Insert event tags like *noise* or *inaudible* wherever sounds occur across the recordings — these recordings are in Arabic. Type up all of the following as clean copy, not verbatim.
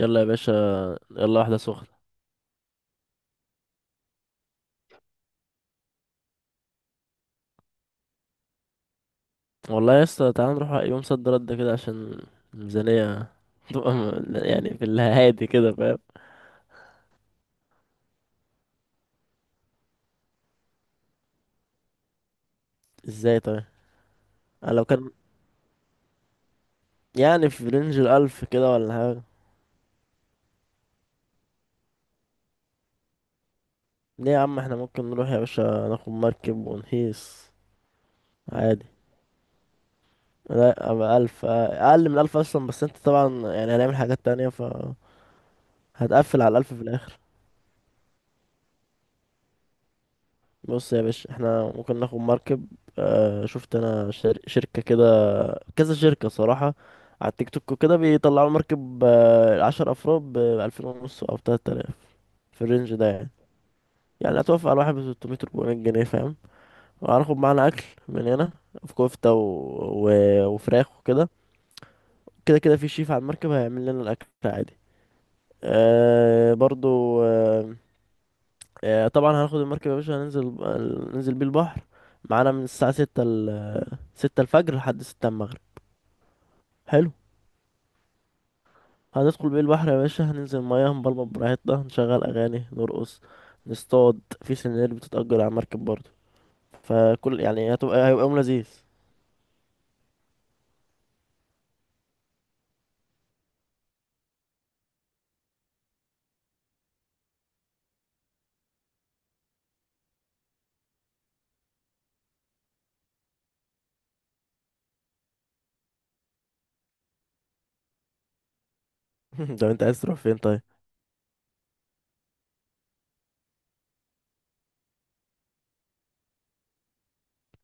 يلا يا باشا، يلا واحدة سخنة. والله يا اسطى تعالى نروح يوم صد رد كده عشان الميزانية *laughs* تبقى يعني في الهادي كده، فاهم؟ ازاي طيب؟ أنا لو كان يعني في رينج الألف كده ولا حاجة. ليه يا عم احنا ممكن نروح يا باشا ناخد مركب ونهيس عادي. لا أبقى ألف، أقل من ألف أصلا، بس انت طبعا يعني هنعمل حاجات تانية، ف هتقفل على الألف في الآخر. بص يا باشا احنا ممكن ناخد مركب. شفت انا شركة كده، كذا شركة صراحة على التيك توك وكده بيطلعوا مركب، عشر أفراد بألفين ونص أو تلات آلاف، في الرينج ده يعني. يعني هتوافق على واحد بستمية أربعمية جنيه، فاهم؟ وهناخد معانا أكل من هنا، في كفتة و... وفراخ وكده. كده كده في شيف على المركب هيعمل لنا الأكل عادي. أه، برضو أه. طبعا هناخد المركب يا باشا، ننزل بيه البحر، معانا من الساعة ستة ستة الفجر لحد ستة المغرب. حلو. هندخل بيه البحر يا باشا، هننزل مياه، هنبلبط براحتنا، هنشغل اغاني، نرقص، نصطاد في سنانير بتتأجر على مركب برضه. فكل يعني هيبقى يوم لذيذ. *laughs* طب انت عايز تروح فين طيب؟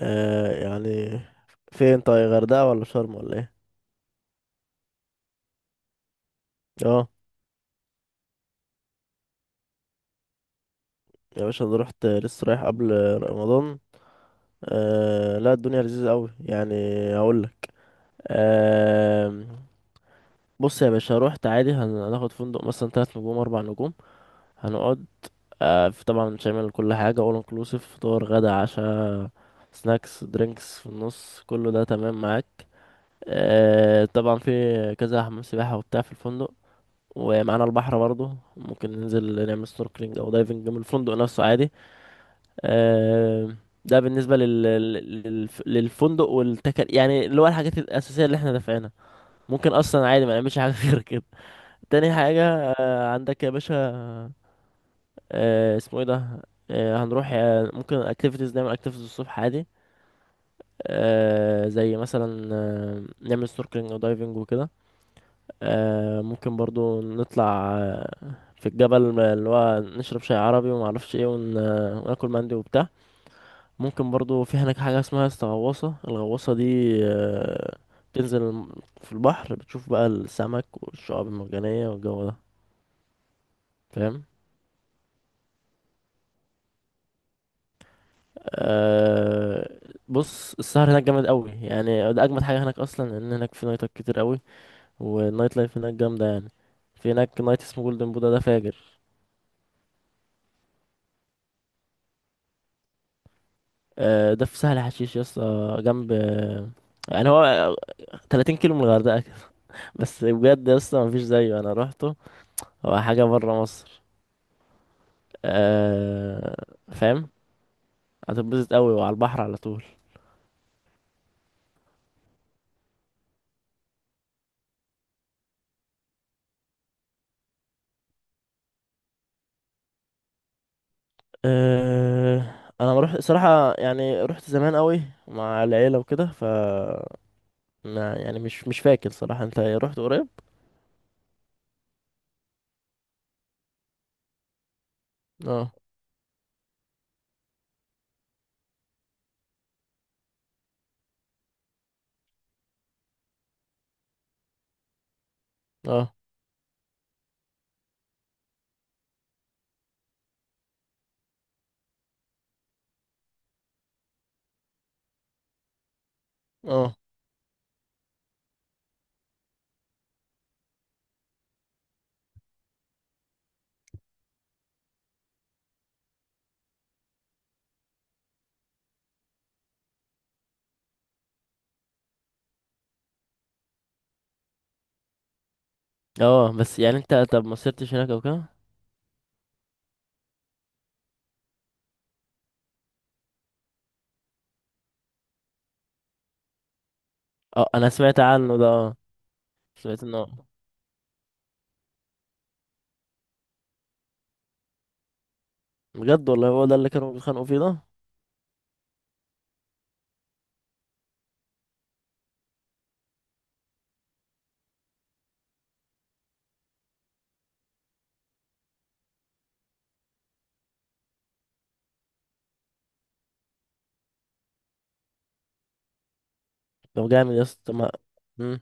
يعني فين طيب، غردقة ولا شرم ولا ايه؟ اه يا باشا، انا رحت لسه رايح قبل رمضان. آه، لا الدنيا لذيذة قوي يعني. هقول لك. آه. بص يا باشا، رحت عادي، هناخد فندق مثلا تلات نجوم اربع نجوم، هنقعد. في طبعا شامل كل حاجة، all inclusive، فطار غدا عشاء، سناكس درينكس في النص، كله ده تمام معاك. طبعا في كذا حمام سباحة وبتاع في الفندق، ومعانا البحر برضه، ممكن ننزل نعمل سنوركلينج او دايفنج من الفندق نفسه عادي. آه، ده بالنسبة للفندق والتكل، يعني اللي هو الحاجات الأساسية اللي احنا دافعينها. ممكن أصلا عادي ما نعملش حاجة *laughs* غير كده. تاني حاجة، عندك يا باشا، اسمه ايه ده، هنروح، ممكن اكتيفيتيز، نعمل اكتيفيتيز الصبح عادي. زي مثلا نعمل سنوركلينج ودايفنج وكده. ممكن برضو نطلع في الجبل، اللي هو نشرب شاي عربي وما اعرفش ايه، ون... آه، وناكل مندي وبتاع. ممكن برضو في هناك حاجة اسمها الغواصة دي، آه بتنزل في البحر، بتشوف بقى السمك والشعاب المرجانية والجو ده، فاهم؟ أه بص السهر هناك جامد قوي، يعني ده اجمد حاجه هناك اصلا، ان هناك في نايتات كتير قوي والنايت لايف هناك جامده يعني. في هناك نايت اسمه جولدن بودا، ده فاجر. أه، ده في سهل حشيش يا اسطى، جنب، يعني هو 30 كيلو من الغردقه كده. *laughs* بس بجد يا اسطى مفيش زيه، انا روحته، هو حاجه بره مصر. أه. فاهم؟ هتتبسط قوي وعلى البحر على طول. أه، انا ما رحت صراحه، يعني رحت زمان قوي مع العيله وكده، ف ما يعني مش فاكر صراحة، انت رحت قريب؟ اه. اه. اه. اه بس يعني انت، طب ما سرتش هناك او كده؟ اه، انا سمعت عنه ده. اه، سمعت انه. بجد، والله هو ده اللي كانوا بيتخانقوا فيه ده. طب جامد يا اسطى، ما. مم.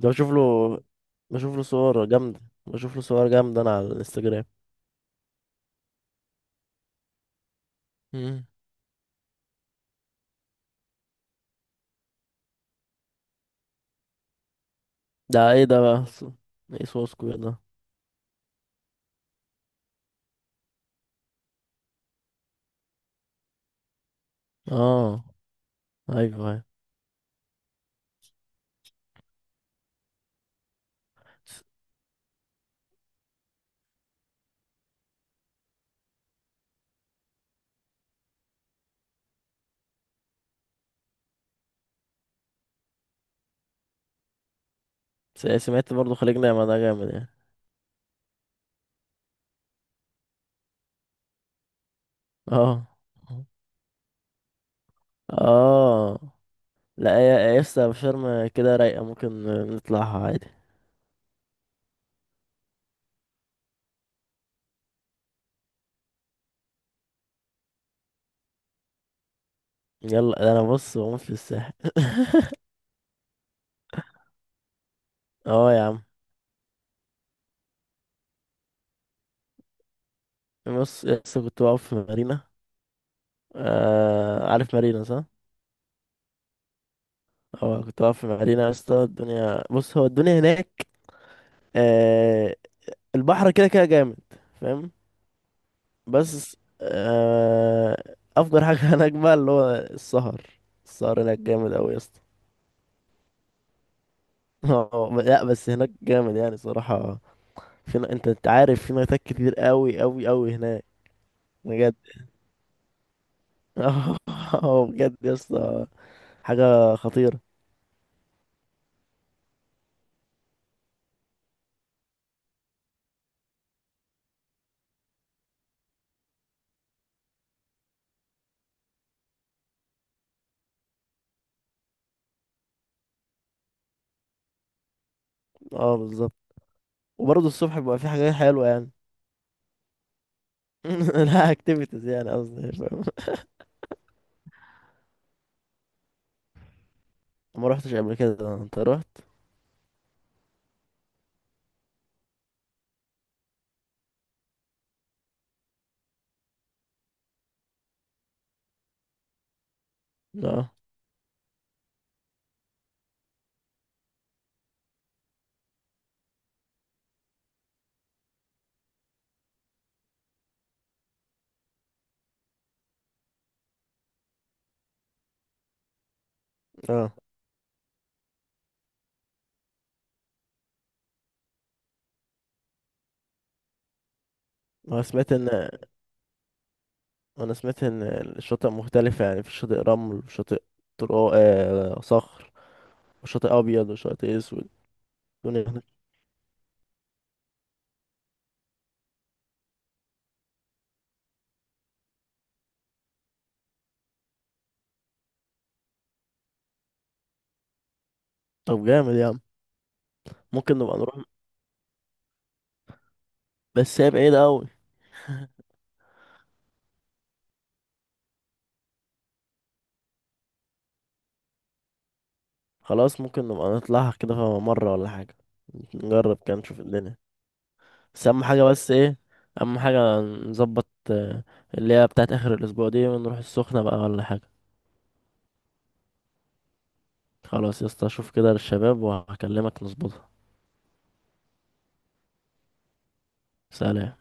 ده بشوف له صور جامدة، بشوف له صور جامدة انا على الانستجرام. مم. ده ايه ده بقى، ايه سوسكو ده؟ اه. ايوه ايوه، سمعت برضه خليج نعمة ده جامد يعني. اه. اه، لا يا يسطا شرم كده رايقة، ممكن نطلعها عادي. يلا، ده انا بص بموت في الساحل. *laughs* اه يا عم. بص يسطا، كنت واقف في مارينا. عارف مارينا، صح؟ اه، كنت واقف في مارينا يسطا، الدنيا، بص هو الدنيا هناك، آه البحر كده كده جامد، فاهم؟ بس افجر حاجة *laughs* هناك بقى اللي هو السهر. السهر هناك جامد اوي يسطا. *laughs* اه، لا بس هناك جامد يعني صراحة، في انت عارف، في نايتات كتير قوي قوي قوي هناك. بجد. *laughs* اه، بجد يا اسطى، حاجه خطيره. اه، بالظبط، وبرضه الصبح بيبقى في حاجات حلوه يعني. *laughs* لا اكتيفيتيز يعني قصدي، فاهم؟ ما روحتش قبل كده، انت رحت؟ اه. اه، انا سمعت ان انا سمعت ان الشواطئ مختلفه، يعني في شاطئ رمل وشاطئ صخر، وشاطئ ابيض وشاطئ اسود. الدنيا هناك- طب جامد يا عم، ممكن نبقى نروح، بس هي بعيدة أوي. خلاص، ممكن نبقى نطلعها كده مرة ولا حاجة، نجرب كده نشوف الدنيا. بس أهم حاجة، بس ايه، أهم حاجة نظبط اللي هي بتاعت آخر الأسبوع دي، ونروح السخنة بقى ولا حاجة. خلاص يا اسطى، أشوف كده للشباب وهكلمك نظبطها. سلام.